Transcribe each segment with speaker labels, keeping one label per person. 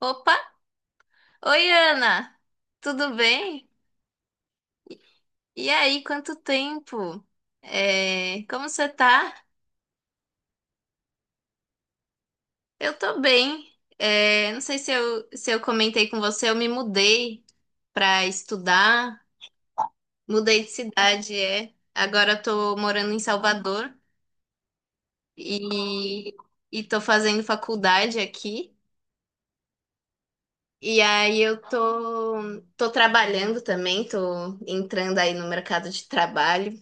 Speaker 1: Opa! Oi, Ana! Tudo bem? E aí, quanto tempo? Como você tá? Eu tô bem. Não sei se eu comentei com você, eu me mudei pra estudar, mudei de cidade, é. Agora eu tô morando em Salvador e, e tô fazendo faculdade aqui. E aí eu tô trabalhando também, tô entrando aí no mercado de trabalho.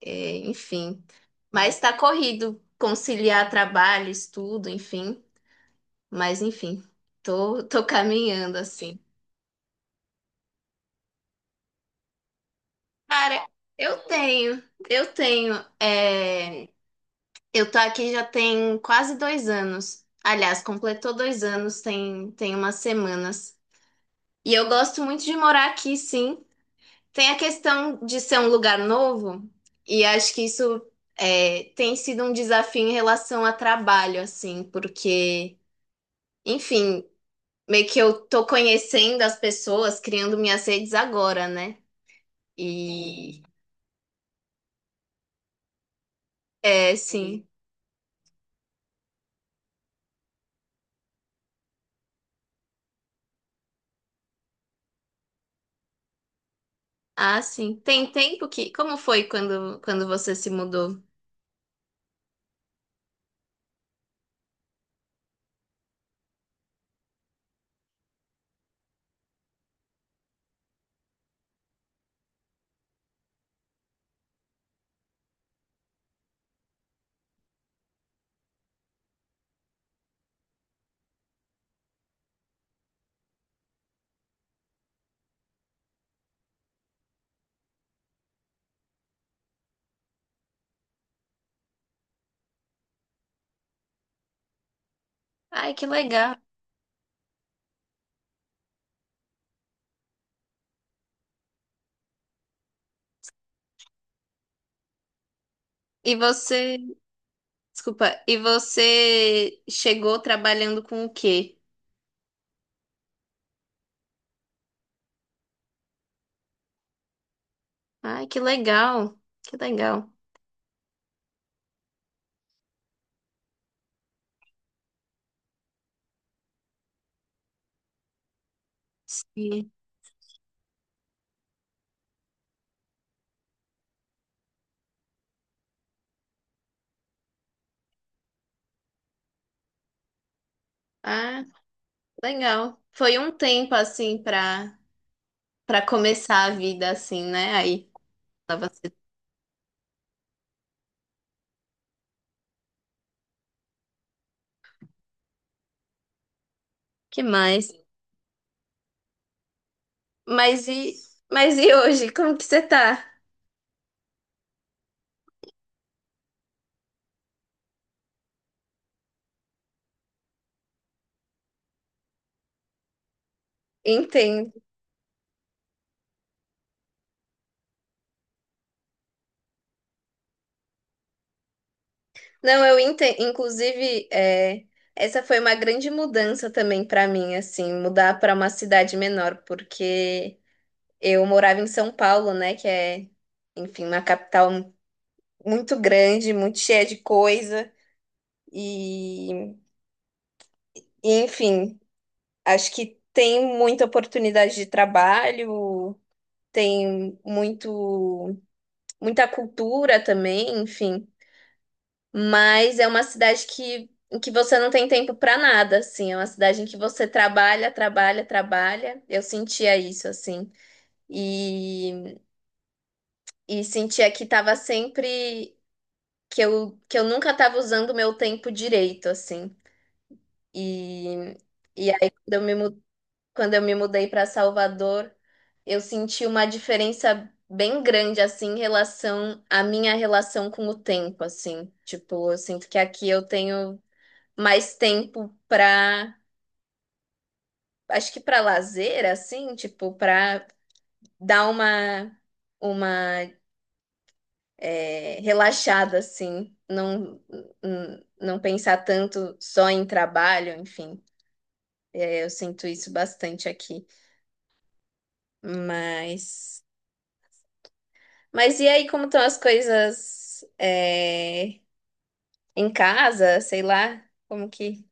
Speaker 1: É, enfim. Mas tá corrido conciliar trabalho, estudo, enfim. Mas enfim, tô caminhando assim. Cara, eu tenho, eu tenho. é, eu tô aqui já tem quase dois anos. Aliás, completou dois anos, tem umas semanas. E eu gosto muito de morar aqui, sim. Tem a questão de ser um lugar novo, e acho que isso é, tem sido um desafio em relação a trabalho, assim, porque. Enfim, meio que eu tô conhecendo as pessoas, criando minhas redes agora, né? E é, sim. Ah, sim. Tem tempo que. Como foi quando você se mudou? Ai, que legal. E você. Desculpa. E você chegou trabalhando com o quê? Ai, que legal. Que legal. Sim. Ah, legal. Foi um tempo assim pra para começar a vida assim, né? Aí, tava. Que mais? Mas e, mas e hoje? Como que você tá? Entendo. Não, eu entendo. Inclusive, é, essa foi uma grande mudança também pra mim, assim, mudar pra uma cidade menor, porque eu morava em São Paulo, né, que é, enfim, uma capital muito grande, muito cheia de coisa, e, enfim, acho que tem muita oportunidade de trabalho, tem muito, muita cultura também, enfim. Mas é uma cidade que, em que você não tem tempo para nada, assim. É uma cidade em que você trabalha, trabalha, trabalha. Eu sentia isso, assim. E, e sentia que tava sempre... Que eu nunca tava usando o meu tempo direito, assim. E, e aí, quando eu me mudei para Salvador, eu senti uma diferença bem grande, assim, em relação à minha relação com o tempo, assim. Tipo, eu sinto que aqui eu tenho mais tempo pra, acho que pra lazer, assim, tipo, pra dar uma é, relaxada, assim, não pensar tanto só em trabalho, enfim, é, eu sinto isso bastante aqui, mas, mas e aí, como estão as coisas é, em casa, sei lá, como que,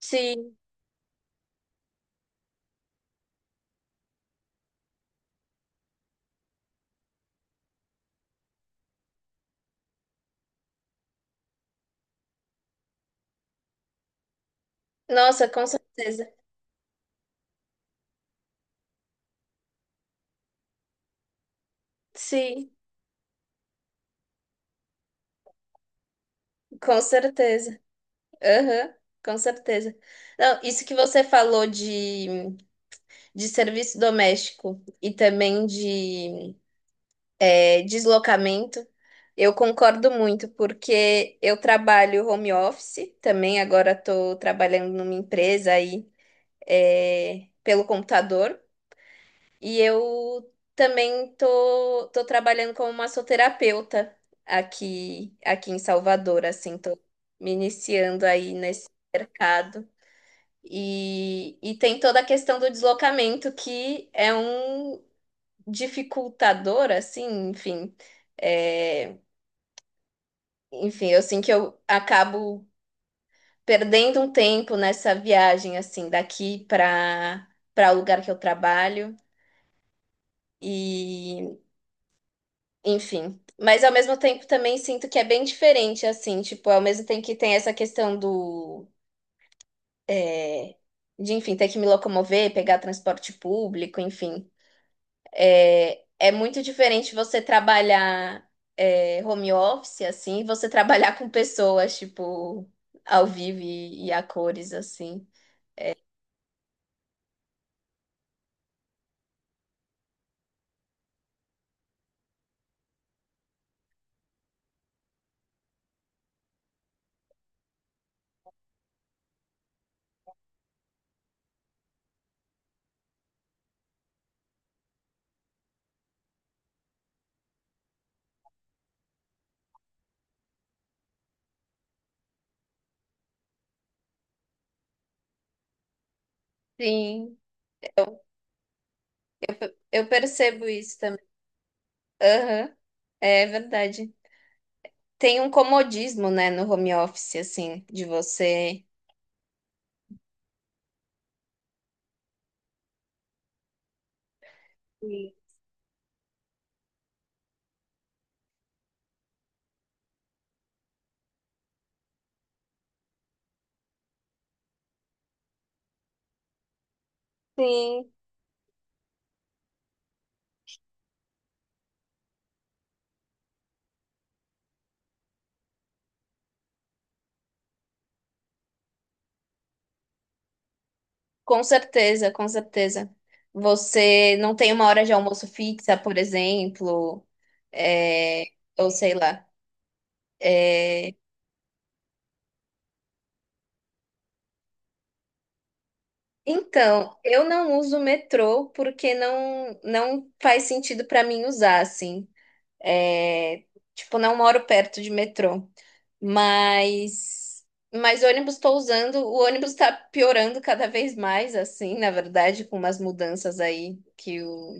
Speaker 1: sim, nossa, com certeza, sim, com certeza. Aham, com certeza. Não, isso que você falou de serviço doméstico e também de é, deslocamento, eu concordo muito, porque eu trabalho home office também, agora estou trabalhando numa empresa aí é, pelo computador, e eu também tô trabalhando como massoterapeuta aqui, aqui em Salvador, assim, tô me iniciando aí nesse mercado. E tem toda a questão do deslocamento, que é um dificultador, assim, enfim. É, enfim, eu sinto que eu acabo perdendo um tempo nessa viagem, assim, daqui para para o lugar que eu trabalho. E, enfim. Mas ao mesmo tempo também sinto que é bem diferente, assim, tipo, ao mesmo tempo que tem essa questão do. É, de, enfim, ter que me locomover, pegar transporte público, enfim. É, é muito diferente você trabalhar é, home office, assim, e você trabalhar com pessoas, tipo, ao vivo e a cores, assim. Sim, eu percebo isso também. Aham, é verdade. Tem um comodismo, né, no home office, assim, de você. Sim. Sim, com certeza, com certeza. Você não tem uma hora de almoço fixa, por exemplo, é, ou sei lá. É, então, eu não uso metrô porque não faz sentido para mim usar, assim. É, tipo, não moro perto de metrô. Mas, mas ônibus estou usando. O ônibus está piorando cada vez mais, assim, na verdade, com umas mudanças aí que o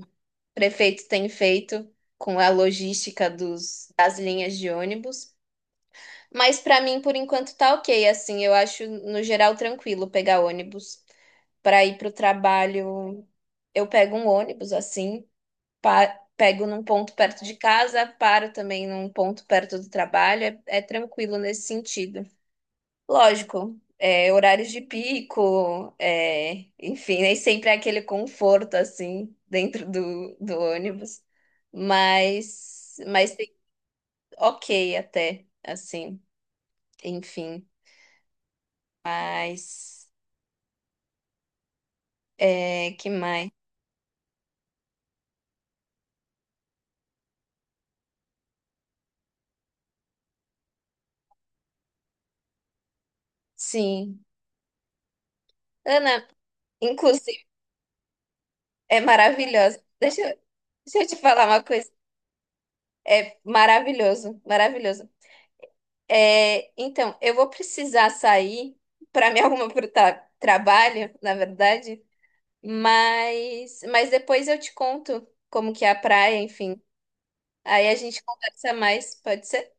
Speaker 1: prefeito tem feito com a logística dos, das linhas de ônibus. Mas para mim, por enquanto, tá ok, assim. Eu acho, no geral, tranquilo pegar ônibus para ir para o trabalho, eu pego um ônibus assim, pego num ponto perto de casa, paro também num ponto perto do trabalho, é, é tranquilo nesse sentido. Lógico, é, horários de pico, é, enfim, nem sempre é aquele conforto assim dentro do, do ônibus, mas, mas tem- ok até, assim, enfim, mas é, que mais? Sim. Ana, inclusive. É maravilhosa. Deixa eu te falar uma coisa. É maravilhoso, maravilhoso. É, então, eu vou precisar sair para me arrumar para o trabalho, na verdade, mas depois eu te conto como que é a praia, enfim. Aí a gente conversa mais, pode ser?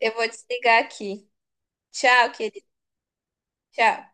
Speaker 1: Eu vou desligar aqui. Tchau, querido. Tchau.